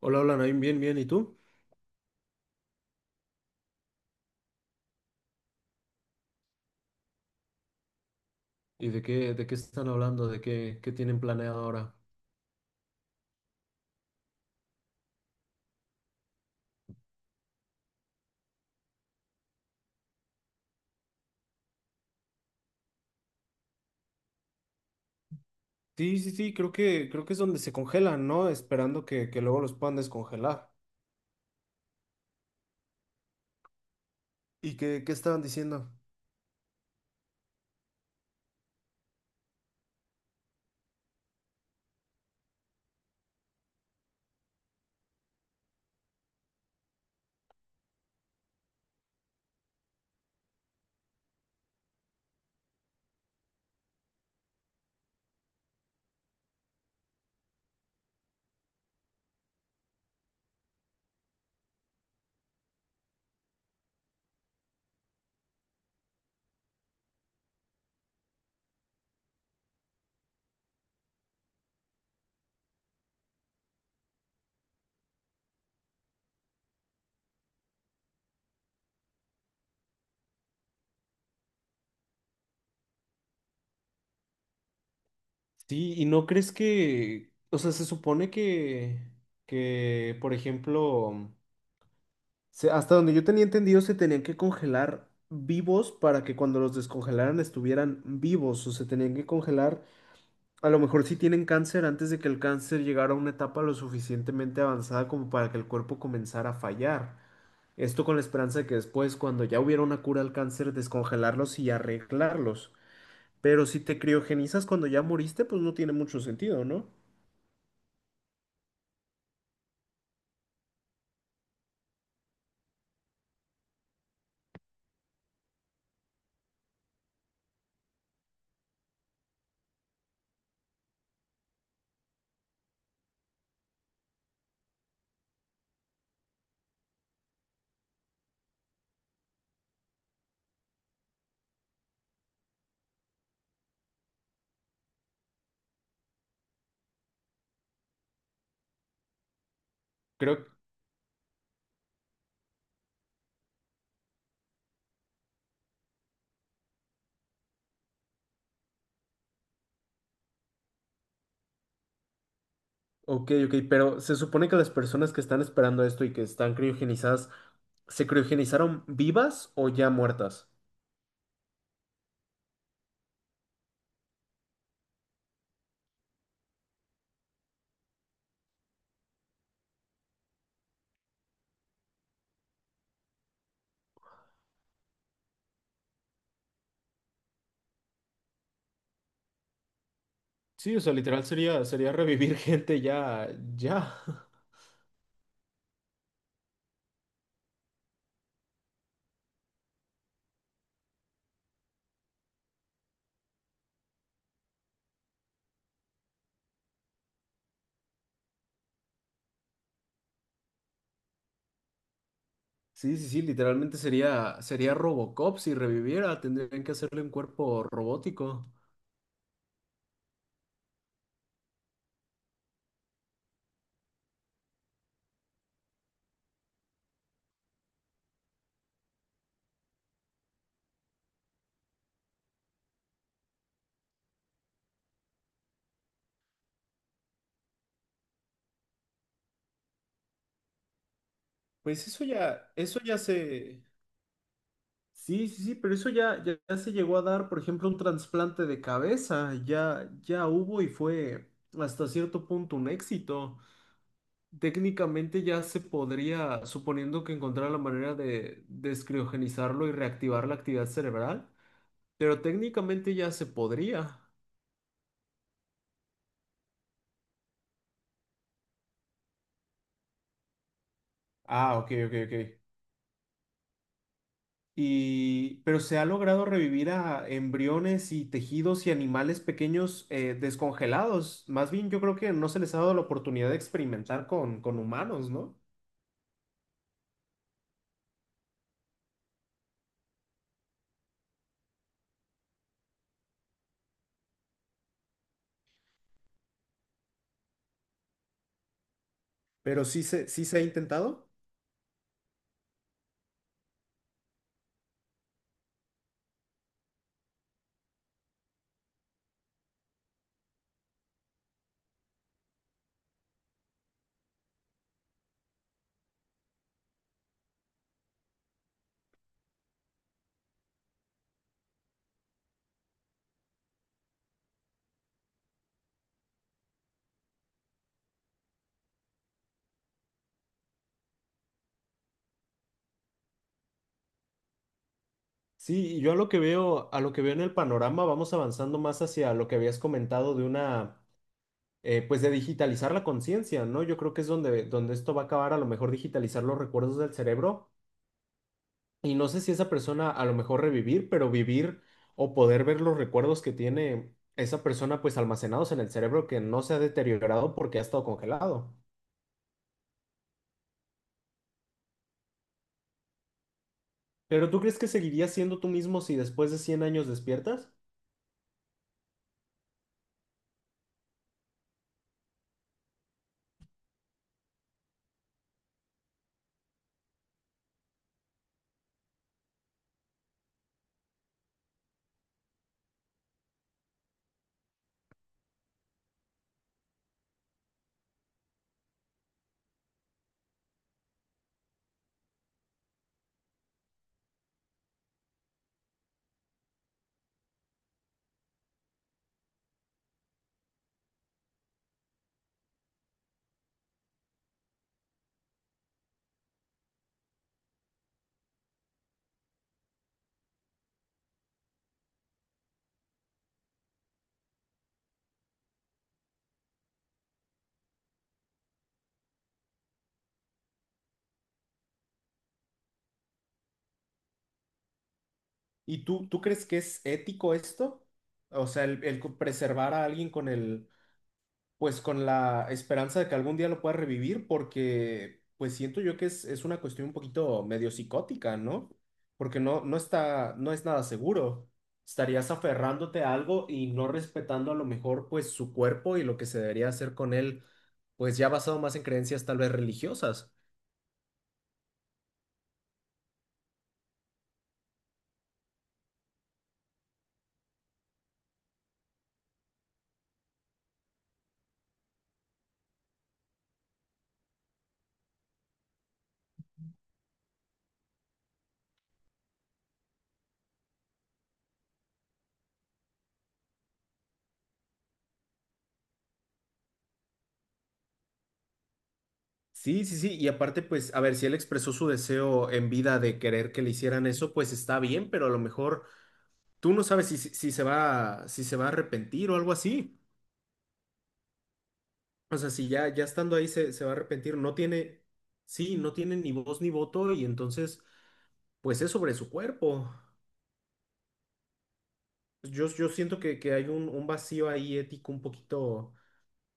Hola, hola, Naim, bien, bien, ¿y tú? ¿Y de qué están hablando? ¿De qué tienen planeado ahora? Sí, sí, sí, creo que es donde se congelan, ¿no? Esperando que luego los puedan descongelar. ¿Y qué estaban diciendo? Sí, y no crees que, o sea, se supone que, por ejemplo, hasta donde yo tenía entendido, se tenían que congelar vivos para que cuando los descongelaran estuvieran vivos, o se tenían que congelar. A lo mejor sí tienen cáncer antes de que el cáncer llegara a una etapa lo suficientemente avanzada como para que el cuerpo comenzara a fallar. Esto con la esperanza de que después, cuando ya hubiera una cura al cáncer, descongelarlos y arreglarlos. Pero si te criogenizas cuando ya moriste, pues no tiene mucho sentido, ¿no? Creo. Ok, ok, pero se supone que las personas que están esperando esto y que están criogenizadas, ¿se criogenizaron vivas o ya muertas? Sí, o sea, literal sería revivir gente ya, ya. Sí, sí, sí, literalmente sería Robocop si reviviera, tendrían que hacerle un cuerpo robótico. Pues eso ya se... Sí, sí, sí, pero eso ya, ya se llegó a dar, por ejemplo, un trasplante de cabeza, ya hubo y fue hasta cierto punto un éxito. Técnicamente ya se podría, suponiendo que encontrara la manera de descriogenizarlo y reactivar la actividad cerebral, pero técnicamente ya se podría. Ah, ok, ok, ok. Y, pero se ha logrado revivir a embriones y tejidos y animales pequeños descongelados. Más bien, yo creo que no se les ha dado la oportunidad de experimentar con humanos, ¿no? Pero sí se ha intentado. Sí, y yo a lo que veo en el panorama, vamos avanzando más hacia lo que habías comentado de una, pues de digitalizar la conciencia, ¿no? Yo creo que es donde esto va a acabar, a lo mejor digitalizar los recuerdos del cerebro. Y no sé si esa persona a lo mejor revivir, pero vivir o poder ver los recuerdos que tiene esa persona pues almacenados en el cerebro que no se ha deteriorado porque ha estado congelado. Pero ¿tú crees que seguirías siendo tú mismo si después de 100 años despiertas? ¿Y tú crees que es ético esto? O sea, el preservar a alguien con el, pues con la esperanza de que algún día lo pueda revivir, porque pues siento yo que es una cuestión un poquito medio psicótica, ¿no? Porque no está, no es nada seguro. Estarías aferrándote a algo y no respetando a lo mejor pues su cuerpo y lo que se debería hacer con él, pues ya basado más en creencias tal vez religiosas. Sí, sí, sí, y aparte pues, a ver, si él expresó su deseo en vida de querer que le hicieran eso, pues está bien, pero a lo mejor tú no sabes si se va a arrepentir o algo así. O sea, si ya, estando ahí se va a arrepentir, no tiene, sí, no tiene ni voz ni voto y entonces, pues es sobre su cuerpo. Yo siento que hay un vacío ahí ético un poquito,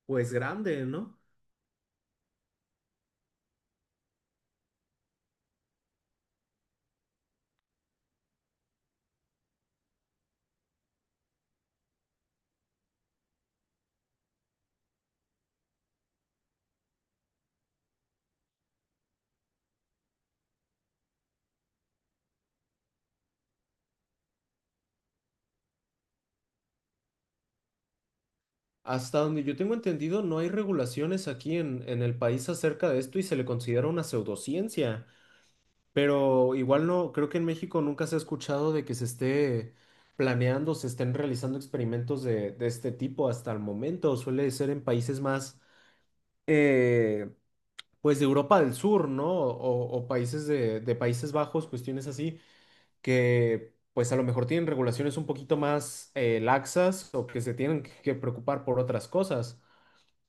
pues grande, ¿no? Hasta donde yo tengo entendido, no hay regulaciones aquí en el país acerca de esto y se le considera una pseudociencia. Pero igual no, creo que en México nunca se ha escuchado de que se esté planeando, se estén realizando experimentos de este tipo hasta el momento. Suele ser en países más, eh, pues de Europa del Sur, ¿no? O países de Países Bajos, cuestiones así, que pues a lo mejor tienen regulaciones un poquito más laxas o que se tienen que preocupar por otras cosas.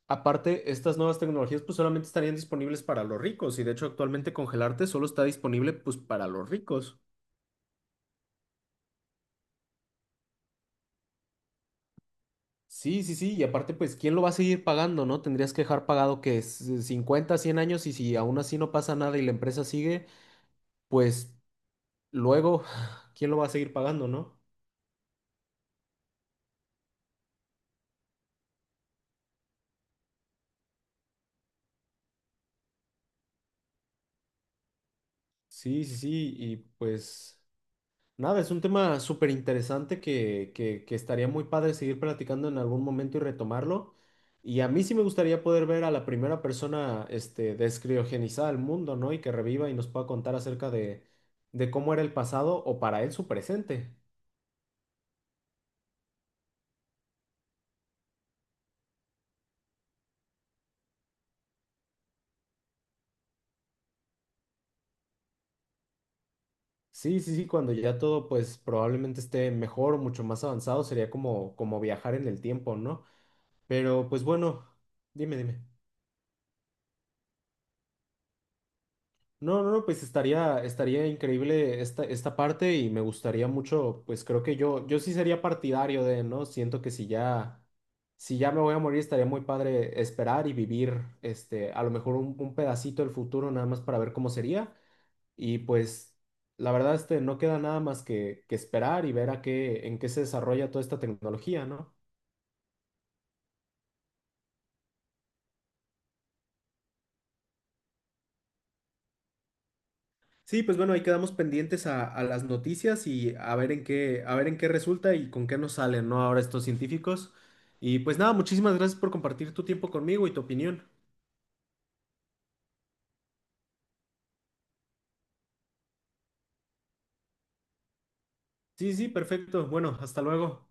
Aparte, estas nuevas tecnologías pues solamente estarían disponibles para los ricos y de hecho actualmente congelarte solo está disponible pues para los ricos. Sí, sí, sí, y aparte pues ¿quién lo va a seguir pagando, no? Tendrías que dejar pagado que es 50, 100 años y si aún así no pasa nada y la empresa sigue, pues luego, ¿quién lo va a seguir pagando, no? Sí, sí, sí, y pues nada, es un tema súper interesante que estaría muy padre seguir platicando en algún momento y retomarlo. Y a mí sí me gustaría poder ver a la primera persona descriogenizada del mundo, ¿no? Y que reviva y nos pueda contar acerca de cómo era el pasado o para él su presente. Sí, sí, sí, cuando ya todo pues probablemente esté mejor o mucho más avanzado, sería como viajar en el tiempo, ¿no? Pero pues bueno, dime, dime. No, no, no, pues estaría increíble esta parte y me gustaría mucho, pues creo que yo sí sería partidario de, ¿no? Siento que si ya me voy a morir, estaría muy padre esperar y vivir, a lo mejor un pedacito del futuro nada más para ver cómo sería. Y pues, la verdad, no queda nada más que esperar y ver a qué, en qué se desarrolla toda esta tecnología, ¿no? Sí, pues bueno, ahí quedamos pendientes a las noticias y a ver en qué, a ver en qué resulta y con qué nos salen, ¿no? Ahora estos científicos. Y pues nada, muchísimas gracias por compartir tu tiempo conmigo y tu opinión. Sí, sí, perfecto. Bueno, hasta luego.